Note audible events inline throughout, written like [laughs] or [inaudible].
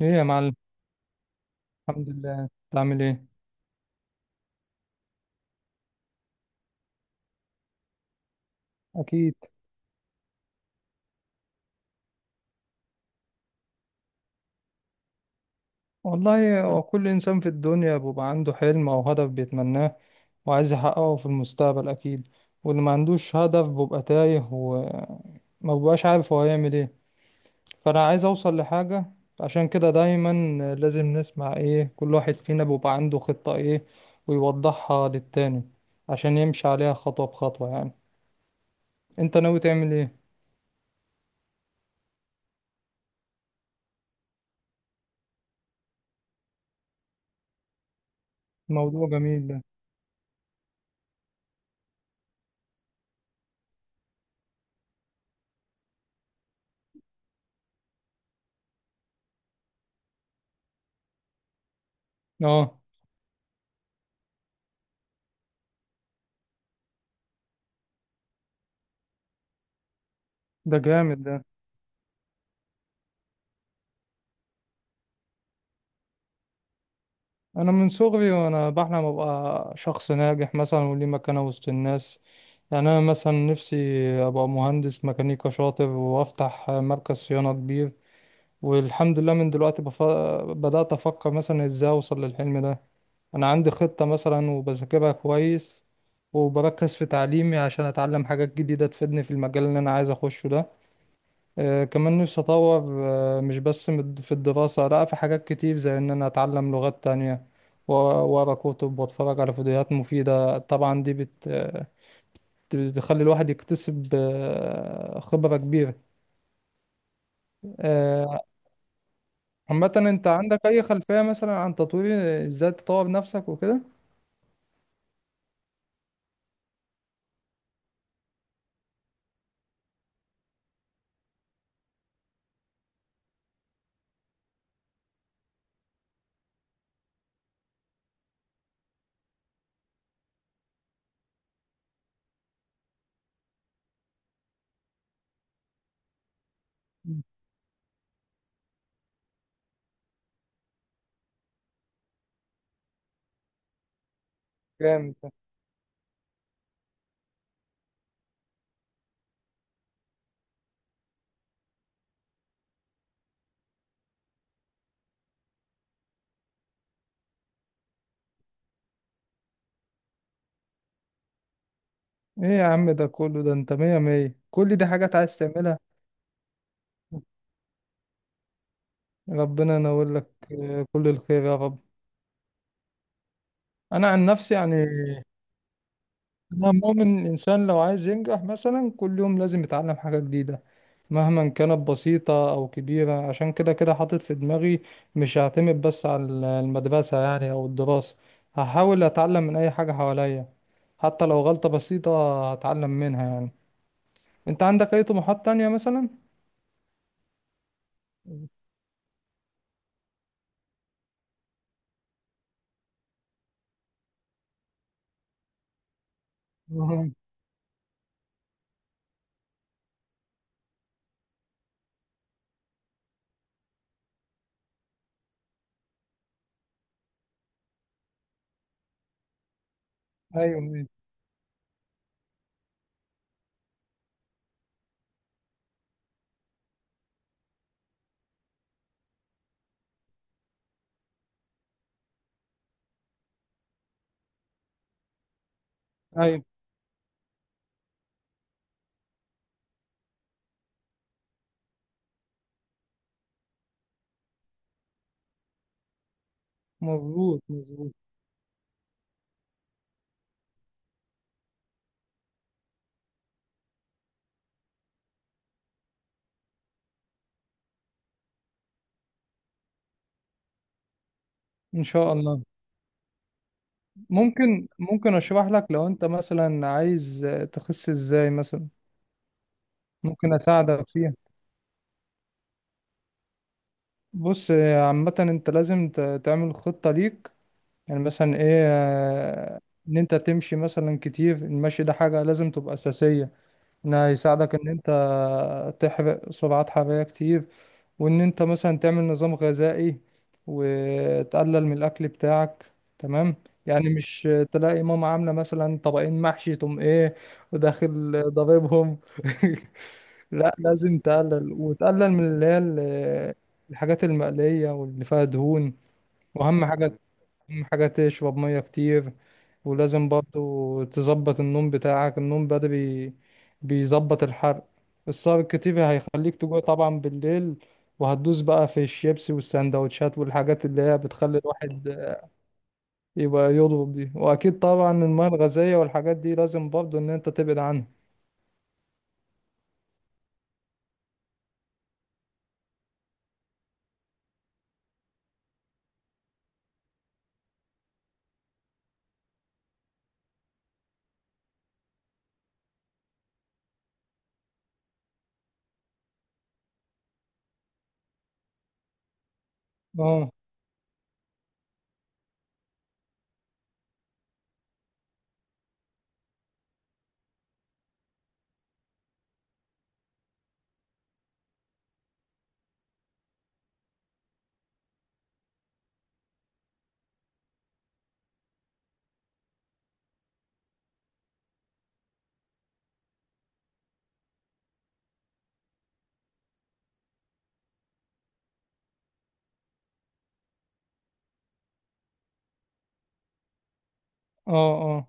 ايه يا معلم. الحمد لله، تعمل ايه؟ اكيد. والله هو كل انسان في الدنيا بيبقى عنده حلم او هدف بيتمناه وعايز يحققه في المستقبل اكيد. واللي ما عندوش هدف بيبقى تايه وما بيبقاش عارف هو هيعمل ايه. فانا عايز اوصل لحاجة، عشان كده دايما لازم نسمع ايه كل واحد فينا بيبقى عنده خطة ايه ويوضحها للتاني عشان يمشي عليها خطوة بخطوة يعني. انت ناوي تعمل ايه؟ موضوع جميل ده. اه. ده جامد ده. انا من صغري وانا بحلم ابقى شخص ناجح مثلا وليه مكانة وسط الناس. يعني انا مثلا نفسي ابقى مهندس ميكانيكا شاطر وافتح مركز صيانة كبير. والحمد لله من دلوقتي بدأت افكر مثلا ازاي اوصل للحلم ده. انا عندي خطة مثلا وبذاكرها كويس وبركز في تعليمي عشان اتعلم حاجات جديدة تفيدني في المجال اللي انا عايز اخشه ده. كمان نفسي أطور، مش بس في الدراسة، لأ، في حاجات كتير زي إن أنا أتعلم لغات تانية وأقرأ كتب وأتفرج على فيديوهات مفيدة. طبعا دي بت آه، بتخلي الواحد يكتسب خبرة كبيرة. آه، عامة أنت عندك أي خلفية مثلا عن تطوير إزاي تطور نفسك وكده؟ جامد ده. إيه يا عم ده كله؟ ده أنت مية مية، كل دي حاجات عايز تعملها. ربنا ينور لك، كل الخير يا رب. أنا عن نفسي يعني، أنا مؤمن الإنسان لو عايز ينجح مثلا كل يوم لازم يتعلم حاجة جديدة مهما كانت بسيطة أو كبيرة. عشان كده كده حاطط في دماغي مش هعتمد بس على المدرسة يعني أو الدراسة، هحاول أتعلم من أي حاجة حواليا حتى لو غلطة بسيطة هتعلم منها يعني. أنت عندك أي طموحات تانية مثلا؟ [laughs] أها. أيوه أيوه. أيوه. مظبوط مظبوط. إن شاء الله. ممكن ممكن أشرح لك لو أنت مثلا عايز تخس إزاي مثلا، ممكن أساعدك فيها. بص، عامة انت لازم تعمل خطة ليك. يعني مثلا ايه، ان انت تمشي مثلا كتير، المشي ده حاجة لازم تبقى أساسية، انها يساعدك ان انت تحرق سعرات حرارية كتير. وان انت مثلا تعمل نظام غذائي وتقلل من الاكل بتاعك، تمام؟ يعني مش تلاقي ماما عاملة مثلا طبقين محشي تقوم ايه وداخل ضاربهم. [laughs] لا، لازم تقلل وتقلل من اللي هي الحاجات المقلية واللي فيها دهون. واهم حاجة، أهم حاجة تشرب مية كتير. ولازم برضو تظبط النوم بتاعك، النوم بدري بيظبط الحرق. السهر الكتير هيخليك تجوع طبعا بالليل وهتدوس بقى في الشيبسي والسندوتشات والحاجات اللي هي بتخلي الواحد يبقى يضرب دي. وأكيد طبعا المياه الغازية والحاجات دي لازم برضو إن أنت تبعد عنها. اه اه. اه.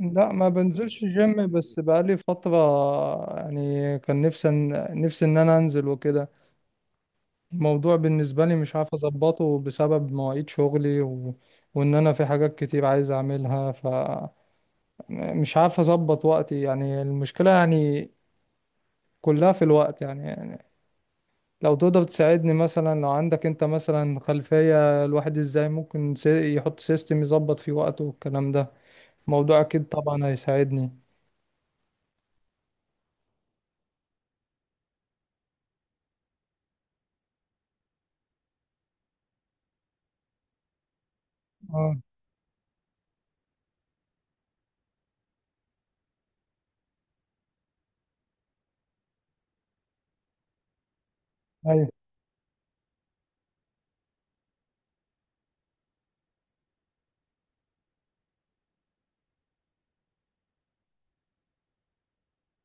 لا، ما بنزلش جيم. بس بقالي فترة يعني كان نفسي، نفسي إن أنا أنزل وكده. الموضوع بالنسبة لي مش عارف أظبطه بسبب مواعيد شغلي و... وإن أنا في حاجات كتير عايز أعملها، فمش عارف أظبط وقتي يعني. المشكلة يعني كلها في الوقت يعني, يعني لو تقدر تساعدني مثلا، لو عندك أنت مثلا خلفية الواحد إزاي ممكن يحط سيستم يظبط فيه وقته والكلام ده، الموضوع أكيد طبعا هيساعدني. اه. أيوة.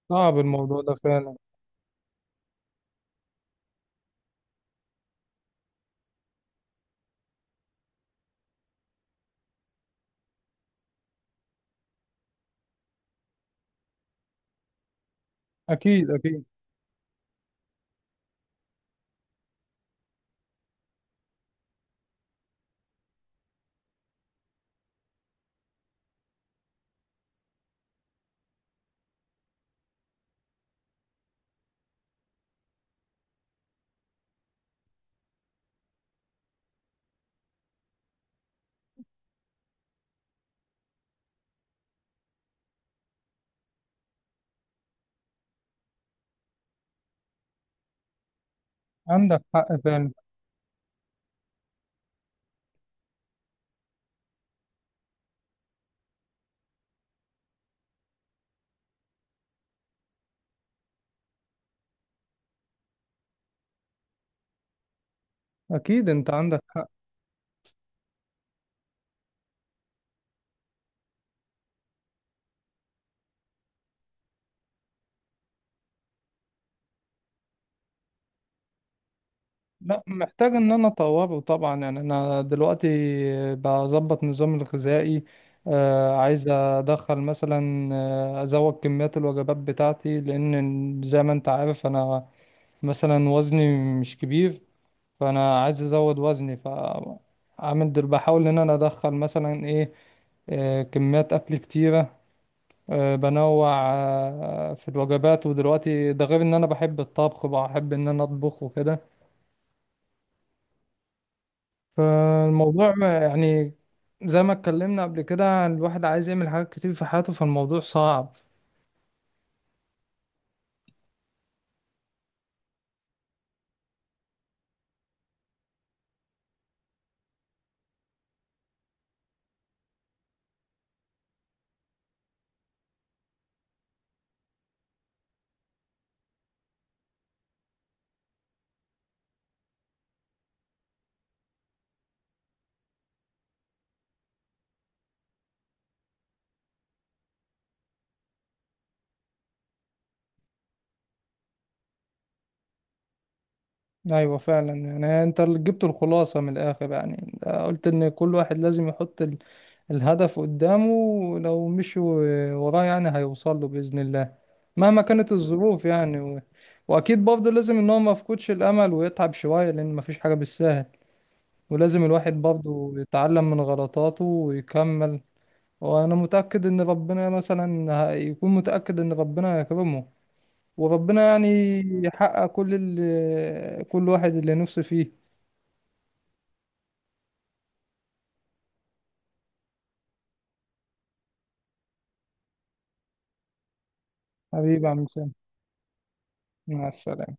صعب الموضوع ده فعلا. أكيد أكيد. عندك حق فعلا. أكيد أنت عندك حق. لا، محتاج ان انا اطوره طبعا. يعني انا دلوقتي بظبط نظامي الغذائي، عايز ادخل مثلا، ازود كميات الوجبات بتاعتي لان زي ما انت عارف انا مثلا وزني مش كبير، فانا عايز ازود وزني. فعامل دل بحاول ان انا ادخل مثلا ايه، كميات اكل كتيره، بنوع في الوجبات. ودلوقتي ده غير ان انا بحب الطبخ، بحب ان انا اطبخ وكده. فالموضوع يعني زي ما اتكلمنا قبل كده الواحد عايز يعمل حاجات كتير في حياته، فالموضوع صعب. ايوه فعلا، يعني انت اللي جبت الخلاصة من الاخر يعني، قلت ان كل واحد لازم يحط الهدف قدامه، لو مشي وراه يعني هيوصل له بإذن الله مهما كانت الظروف يعني و... واكيد برضه لازم ان هو ما يفقدش الامل ويتعب شوية لان مفيش حاجة بالسهل، ولازم الواحد برضه يتعلم من غلطاته ويكمل. وانا متاكد ان ربنا مثلا يكون، متاكد ان ربنا يكرمه وربنا يعني يحقق كل ال... كل واحد اللي نفسه فيه. حبيبي يا عم سام. مع السلامه.